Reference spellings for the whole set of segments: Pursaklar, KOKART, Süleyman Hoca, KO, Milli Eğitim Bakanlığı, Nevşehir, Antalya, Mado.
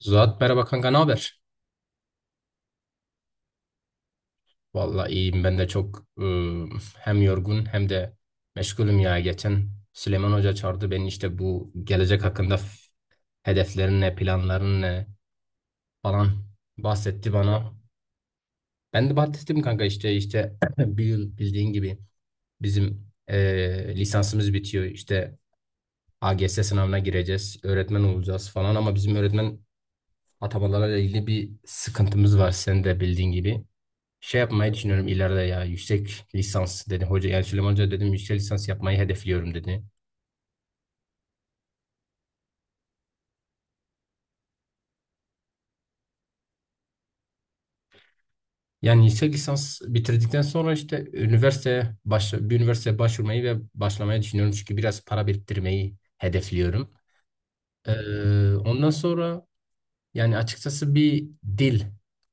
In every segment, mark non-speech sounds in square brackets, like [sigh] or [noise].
Zuhat merhaba kanka, ne haber? Vallahi iyiyim, ben de çok hem yorgun hem de meşgulüm ya. Geçen Süleyman Hoca çağırdı beni, işte bu gelecek hakkında hedeflerin ne, planların ne falan bahsetti bana. Ben de bahsettim kanka, işte [clears throat] bir yıl bildiğin gibi bizim lisansımız bitiyor. İşte AGS sınavına gireceğiz, öğretmen olacağız falan, ama bizim öğretmen atamalarla ilgili bir sıkıntımız var, sen de bildiğin gibi. Şey yapmayı düşünüyorum ileride, ya yüksek lisans dedi hoca, yani Süleyman Hoca, dedim yüksek lisans yapmayı hedefliyorum dedi. Yani yüksek lisans bitirdikten sonra, işte üniversiteye bir üniversiteye başvurmayı ve başlamayı düşünüyorum, çünkü biraz para biriktirmeyi hedefliyorum. Ondan sonra, yani açıkçası bir dil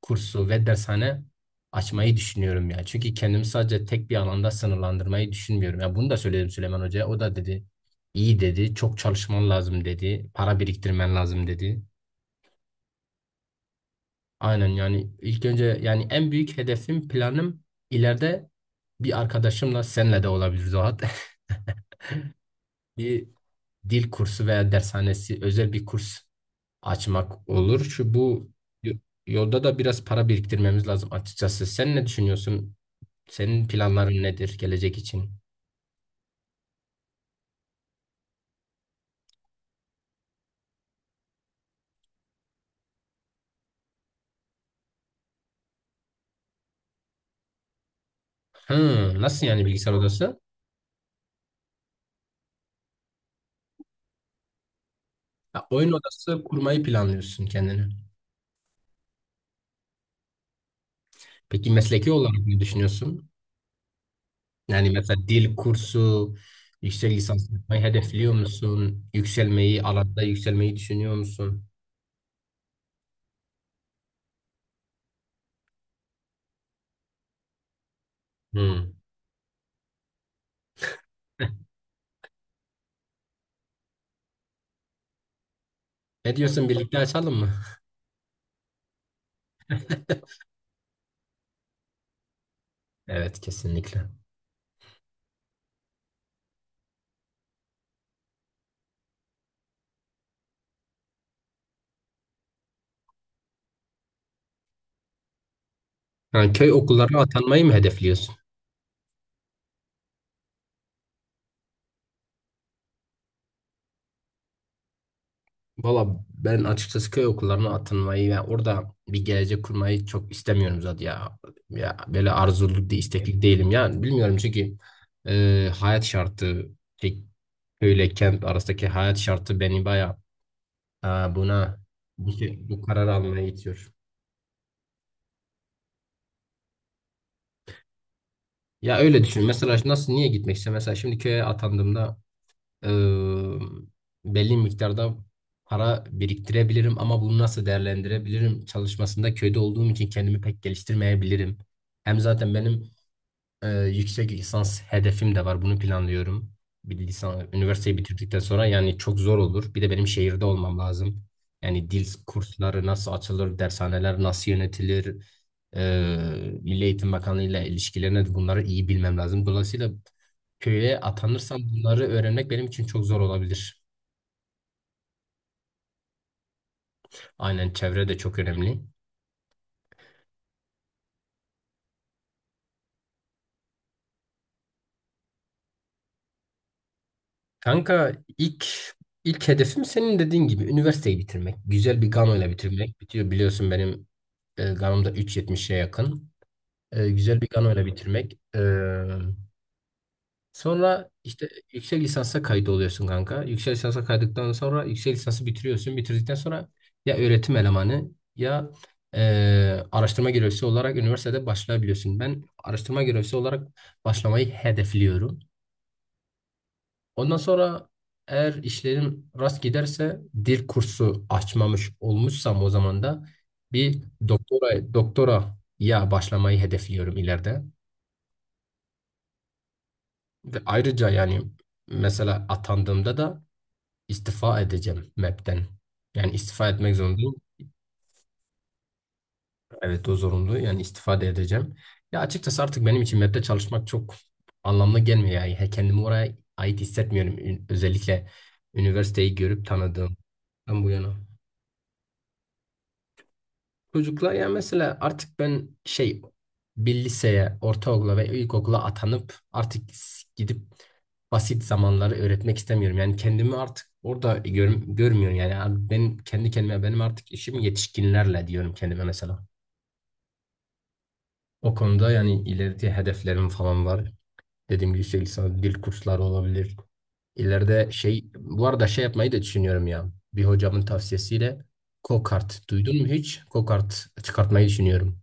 kursu ve dershane açmayı düşünüyorum ya. Çünkü kendimi sadece tek bir alanda sınırlandırmayı düşünmüyorum. Ya bunu da söyledim Süleyman Hoca'ya. O da dedi, iyi dedi, çok çalışman lazım dedi, para biriktirmen lazım dedi. Aynen, yani ilk önce yani en büyük hedefim, planım ileride bir arkadaşımla, senle de olabilir Zuhat. [laughs] Bir dil kursu veya dershanesi, özel bir kurs açmak olur. Şu bu y- yolda da biraz para biriktirmemiz lazım açıkçası. Sen ne düşünüyorsun? Senin planların nedir gelecek için? Hı, nasıl yani bilgisayar odası? Ha, oyun odası kurmayı planlıyorsun kendine. Peki mesleki olarak ne düşünüyorsun? Yani mesela dil kursu, yüksek lisans yapmayı hedefliyor musun? Yükselmeyi, alanda yükselmeyi düşünüyor musun? Hı. Ne diyorsun, birlikte açalım mı? Evet, kesinlikle. Ha, köy okullarına atanmayı mı hedefliyorsun? Valla ben açıkçası köy okullarına atılmayı ve orada bir gelecek kurmayı çok istemiyorum zaten ya. Ya böyle arzulu, istekli değilim. Yani bilmiyorum, çünkü hayat şartı, şey, köyle kent arasındaki hayat şartı beni baya buna, bu karar almaya itiyor. Ya öyle düşün. Mesela nasıl, niye gitmek istiyorum? Mesela şimdi köye atandığımda e, belli miktarda para biriktirebilirim, ama bunu nasıl değerlendirebilirim çalışmasında köyde olduğum için kendimi pek geliştirmeyebilirim. Hem zaten benim ee, yüksek lisans hedefim de var. Bunu planlıyorum. Bir de üniversiteyi bitirdikten sonra yani çok zor olur. Bir de benim şehirde olmam lazım. Yani dil kursları nasıl açılır, dershaneler nasıl yönetilir, Milli Eğitim Bakanlığı ile ilişkilerine de bunları iyi bilmem lazım. Dolayısıyla köye atanırsam bunları öğrenmek benim için çok zor olabilir. Aynen, çevre de çok önemli. Kanka, ilk ilk hedefim senin dediğin gibi üniversiteyi bitirmek. Güzel bir ganoyla ile bitirmek. Bitiyor, biliyorsun benim ganom da 3.70'e yakın. Güzel bir ganoyla ile bitirmek. Sonra işte yüksek lisansa kayıt oluyorsun kanka. Yüksek lisansa kaydıktan sonra yüksek lisansı bitiriyorsun. Bitirdikten sonra ya öğretim elemanı ya e, araştırma görevlisi olarak üniversitede başlayabiliyorsun. Ben araştırma görevlisi olarak başlamayı hedefliyorum. Ondan sonra, eğer işlerim rast giderse dil kursu açmamış olmuşsam, o zaman da bir doktora ya başlamayı hedefliyorum ileride. Ve ayrıca yani, mesela atandığımda da istifa edeceğim MEB'den. Yani istifa etmek zorundayım. Evet, o zorunlu. Yani istifa da edeceğim. Ya açıkçası artık benim için MEB'de çalışmak çok anlamlı gelmiyor. Yani, kendimi oraya ait hissetmiyorum. Özellikle üniversiteyi görüp tanıdığım bu yana. Çocuklar ya, mesela artık ben şey, bir liseye, ortaokula ve ilkokula atanıp artık gidip basit zamanları öğretmek istemiyorum. Yani kendimi artık orada görmüyorum. Yani abi, benim kendi kendime benim artık işim yetişkinlerle diyorum kendime mesela. O konuda yani ileride hedeflerim falan var. Dediğim gibi, yüksek lisans, dil kursları olabilir. İleride şey, bu arada şey yapmayı da düşünüyorum ya. Bir hocamın tavsiyesiyle go-kart duydun mu hiç? Go-kart çıkartmayı düşünüyorum.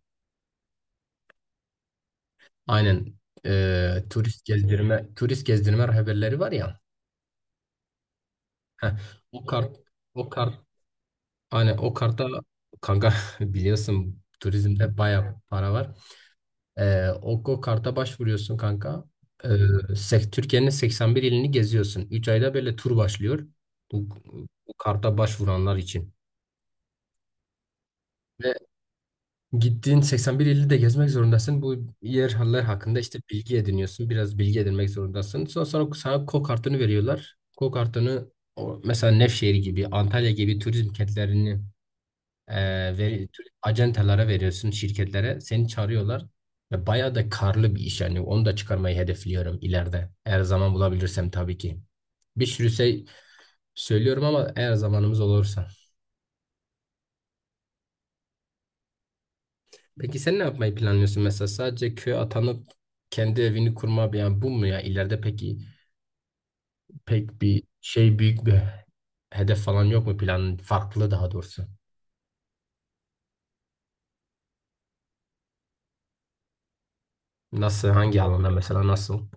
Aynen, turist gezdirme rehberleri var ya. Heh, o kart o kart aynen o karta kanka [laughs] biliyorsun turizmde bayağı para var. O karta başvuruyorsun kanka. Eee, Türkiye'nin 81 ilini geziyorsun. Üç ayda böyle tur başlıyor. Bu, bu karta başvuranlar için. Ve gittiğin 81 ili de gezmek zorundasın. Bu yerler hakkında işte bilgi ediniyorsun. Biraz bilgi edinmek zorundasın. Sonra sana KO kartını veriyorlar. KO kartını, mesela Nevşehir gibi, Antalya gibi turizm kentlerini e, acentalara veriyorsun, şirketlere. Seni çağırıyorlar. Ve bayağı da karlı bir iş yani. Onu da çıkarmayı hedefliyorum ileride. Eğer zaman bulabilirsem tabii ki. Bir sürü şey söylüyorum ama, eğer zamanımız olursa. Peki sen ne yapmayı planlıyorsun mesela? Sadece köye atanıp kendi evini kurma, yani bu mu ya ileride? Peki pek bir şey, büyük bir hedef falan yok mu, planın farklı daha doğrusu? Nasıl, hangi alanda mesela? Nasıl?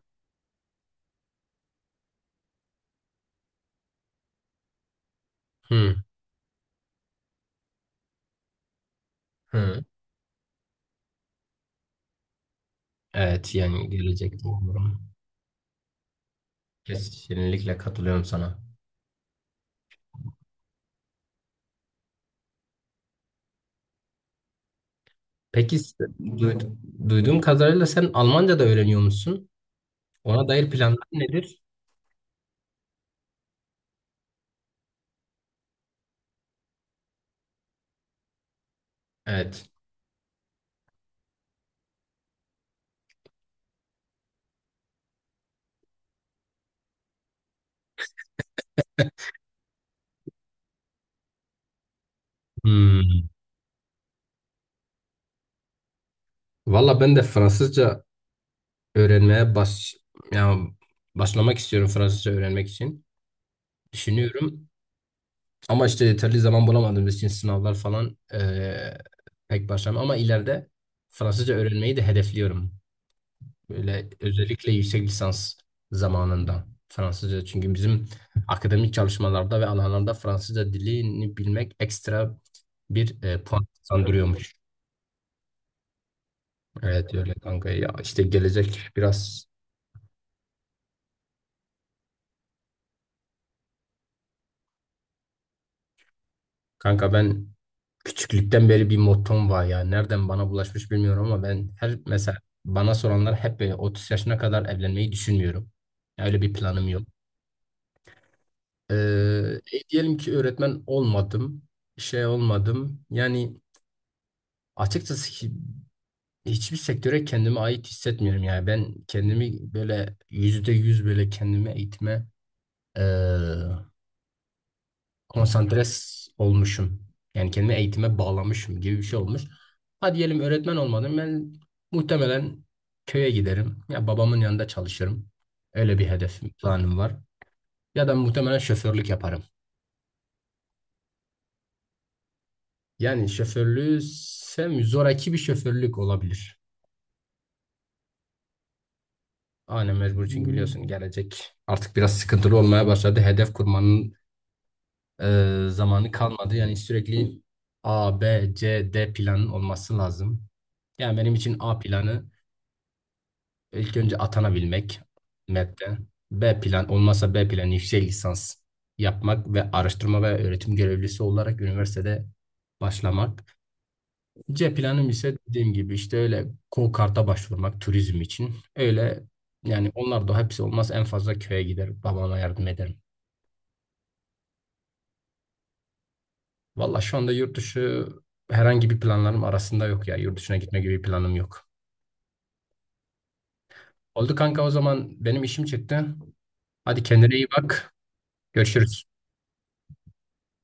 Hı hı. Evet, yani gelecekte umarım. Kesinlikle katılıyorum sana. Peki, duyduğum kadarıyla sen Almanca da öğreniyor musun? Ona dair planlar nedir? Evet. Hmm. Valla ben de Fransızca öğrenmeye yani başlamak istiyorum Fransızca öğrenmek için. Düşünüyorum, ama işte yeterli zaman bulamadığımız için sınavlar falan, pek başlamam, ama ileride Fransızca öğrenmeyi de hedefliyorum. Böyle özellikle yüksek lisans zamanında Fransızca, çünkü bizim akademik çalışmalarda ve alanlarda Fransızca dilini bilmek ekstra bir puan kazandırıyormuş. Evet öyle kanka ya, işte gelecek biraz. Kanka ben küçüklükten beri bir mottom var ya. Nereden bana bulaşmış bilmiyorum ama ben her mesela bana soranlar hep böyle 30 yaşına kadar evlenmeyi düşünmüyorum. Öyle bir planım yok. Ee, diyelim ki öğretmen olmadım, şey olmadım. Yani açıkçası, hiçbir sektöre kendime ait hissetmiyorum yani. Ben kendimi böyle yüzde yüz, böyle kendimi eğitime ee, konsantre olmuşum. Yani kendimi eğitime bağlamışım gibi bir şey olmuş. Hadi diyelim öğretmen olmadım. Ben muhtemelen köye giderim. Ya babamın yanında çalışırım. Öyle bir hedefim, planım var. Ya da muhtemelen şoförlük yaparım. Yani şoförlüğü sevmiyorum. Zoraki bir şoförlük olabilir. Aynen, mecbur, çünkü biliyorsun gelecek artık biraz sıkıntılı olmaya başladı. Hedef kurmanın zamanı kalmadı. Yani sürekli A, B, C, D planın olması lazım. Yani benim için A planı, İlk önce atanabilmek MEP'te. B plan olmazsa, B plan yüksek lisans yapmak ve araştırma ve öğretim görevlisi olarak üniversitede başlamak. C planım ise dediğim gibi işte, öyle KOKART'a başvurmak turizm için. Öyle yani, onlar da hepsi olmaz, en fazla köye gider, babama yardım ederim. Valla şu anda yurt dışı herhangi bir planlarım arasında yok ya. Yurt dışına gitme gibi bir planım yok. Oldu kanka, o zaman benim işim çıktı. Hadi, kendine iyi bak. Görüşürüz.